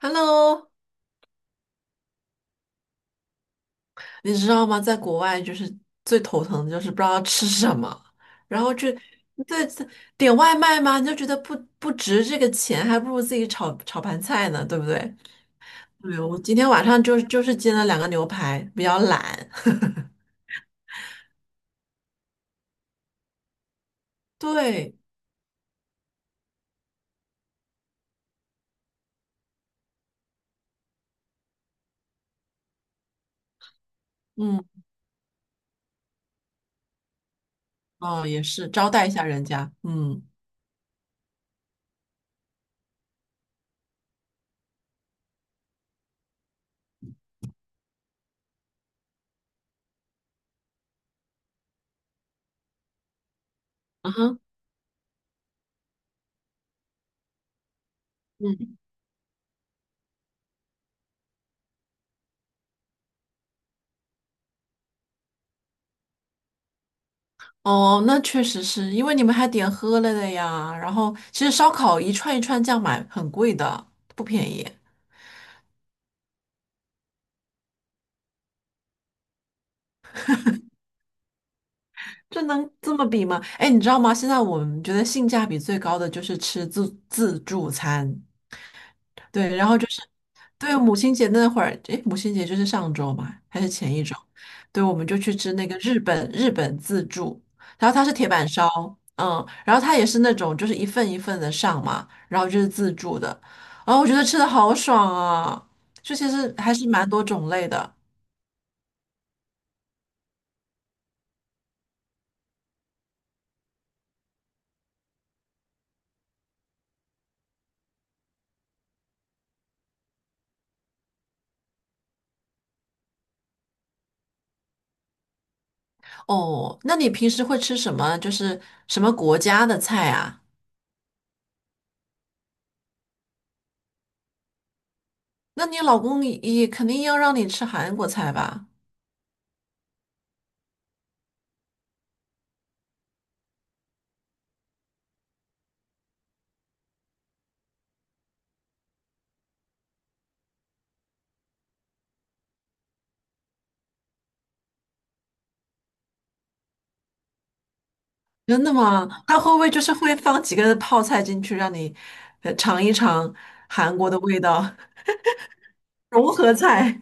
Hello，你知道吗？在国外就是最头疼的就是不知道吃什么，然后对，点外卖吗？你就觉得不值这个钱，还不如自己炒炒盘菜呢，对不对？对，我今天晚上就是煎了两个牛排，比较懒。对，嗯，哦，也是招待一下人家，嗯，啊哼，嗯，哦，那确实是因为你们还点喝了的呀，然后其实烧烤一串一串这样买很贵的，不便宜。这能这么比吗？哎，你知道吗？现在我们觉得性价比最高的就是吃自助餐，对，然后就是对母亲节那会儿，哎，母亲节就是上周嘛，还是前一周？对，我们就去吃那个日本自助，然后它是铁板烧，嗯，然后它也是那种就是一份一份的上嘛，然后就是自助的，然后我觉得吃的好爽啊，就其实还是蛮多种类的哦。那你平时会吃什么？就是什么国家的菜啊？那你老公也肯定要让你吃韩国菜吧？真的吗？他会不会就是会放几个泡菜进去，让你尝一尝韩国的味道？融合菜？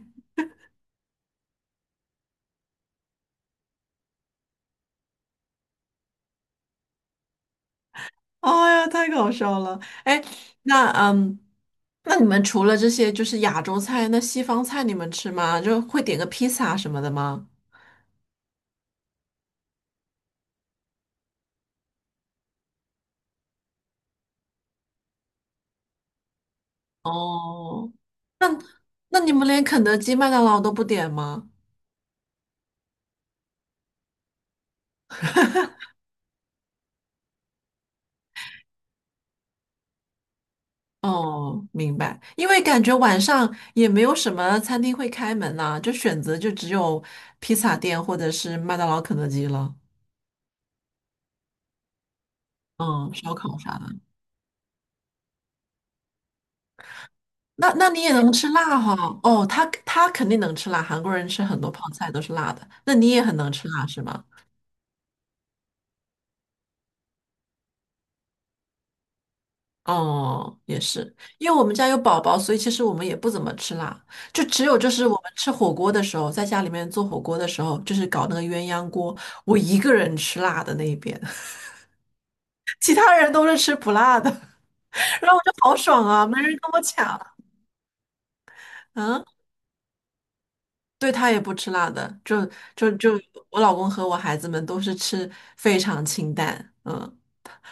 哎呀，太搞笑了！哎，那嗯，那你们除了这些就是亚洲菜，那西方菜你们吃吗？就会点个披萨什么的吗？哦，那你们连肯德基、麦当劳都不点吗？哦，明白。因为感觉晚上也没有什么餐厅会开门呐、就选择就只有披萨店或者是麦当劳、肯德基了。嗯，烧烤啥的。那你也能吃辣哈、哦，他肯定能吃辣，韩国人吃很多泡菜都是辣的。那你也很能吃辣是吗？哦，也是，因为我们家有宝宝，所以其实我们也不怎么吃辣，就只有就是我们吃火锅的时候，在家里面做火锅的时候，就是搞那个鸳鸯锅，我一个人吃辣的那一边。其他人都是吃不辣的，然后我就好爽啊，没人跟我抢。嗯，对他也不吃辣的，就我老公和我孩子们都是吃非常清淡，嗯，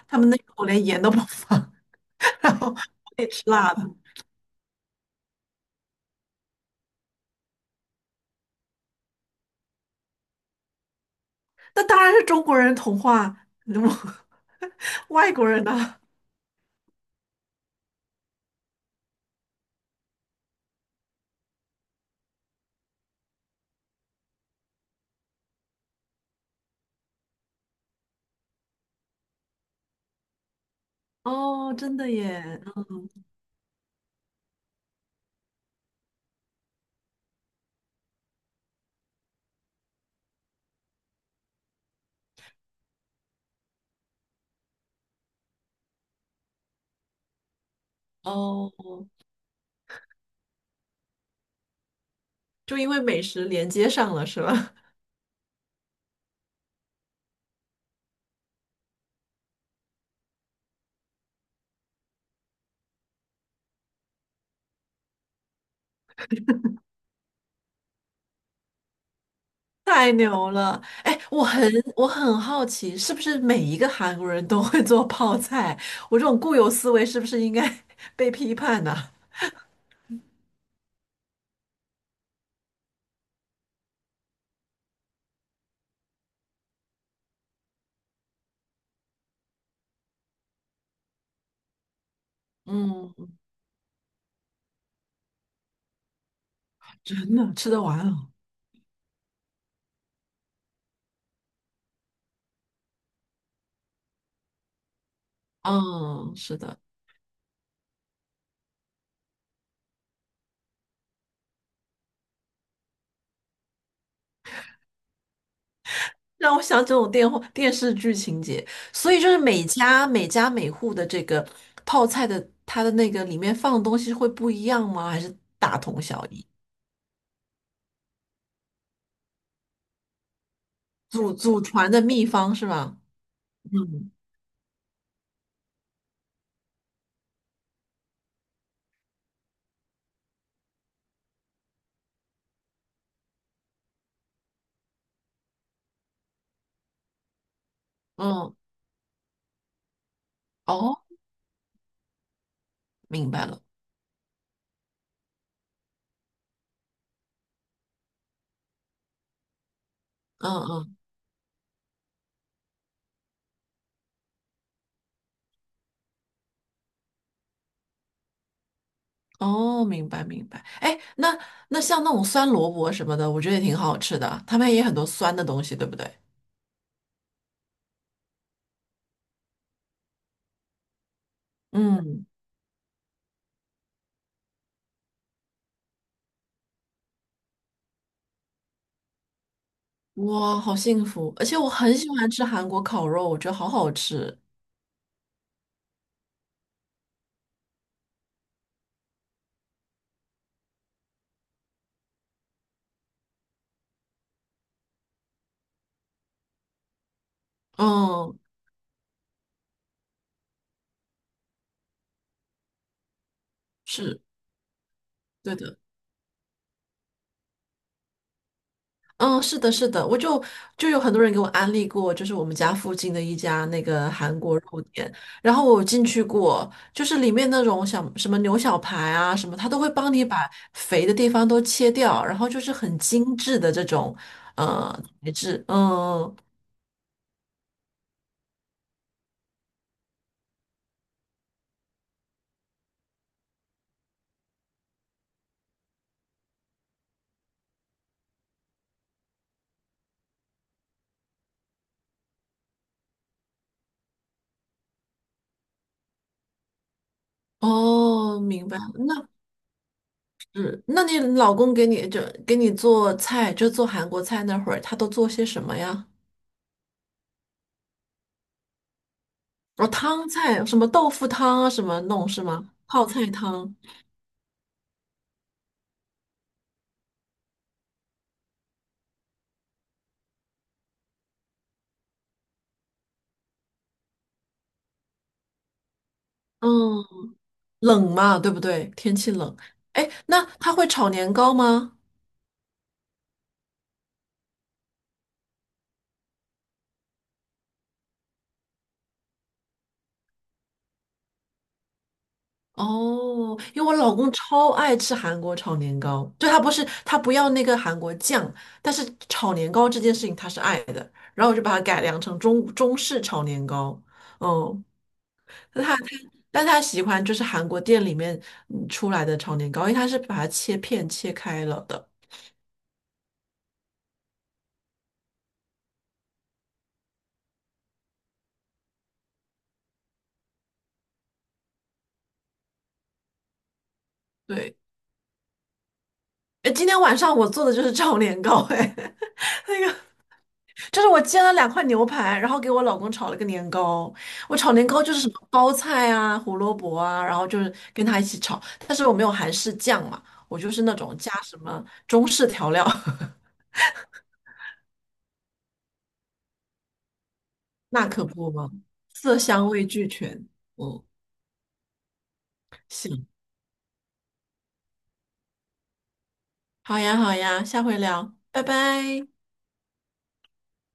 他们那口连盐都不放，然后我得吃辣的，那当然是中国人童话，我 外国人呢？哦，真的耶，嗯哦，就因为美食连接上了是吧？太牛了！哎，我很好奇，是不是每一个韩国人都会做泡菜？我这种固有思维是不是应该 被批判呢、嗯，真的吃得完啊。嗯，是的，让我想这种电视剧情节，所以就是每家每户的这个泡菜的，它的那个里面放的东西会不一样吗？还是大同小异？祖传的秘方是吧？嗯嗯，哦，明白了。嗯嗯哦，明白明白。哎，那像那种酸萝卜什么的，我觉得也挺好吃的。他们也很多酸的东西，对不对？嗯，哇，好幸福！而且我很喜欢吃韩国烤肉，我觉得好好吃。嗯，是，对的。嗯，是的，是的，就有很多人给我安利过，就是我们家附近的一家那个韩国肉店，然后我有进去过，就是里面那种小什么牛小排啊什么，他都会帮你把肥的地方都切掉，然后就是很精致的这种呃材质，嗯，哦，明白，那是，那你老公给你做菜，就做韩国菜那会儿，他都做些什么呀？哦，汤菜，什么豆腐汤啊，什么弄是吗？泡菜汤。嗯。冷嘛，对不对？天气冷，哎，那他会炒年糕吗？哦，因为我老公超爱吃韩国炒年糕，就他不要那个韩国酱，但是炒年糕这件事情他是爱的，然后我就把它改良成中式炒年糕，嗯，但他他但他喜欢就是韩国店里面出来的炒年糕，因为他是把它切片切开了的，对，哎，今天晚上我做的就是炒年糕，哎。就是我煎了两块牛排，然后给我老公炒了个年糕。我炒年糕就是什么包菜啊、胡萝卜啊，然后就是跟他一起炒。但是我没有韩式酱嘛，我就是那种加什么中式调料，那可不嘛，色香味俱全。嗯，行，好呀好呀，下回聊，拜拜。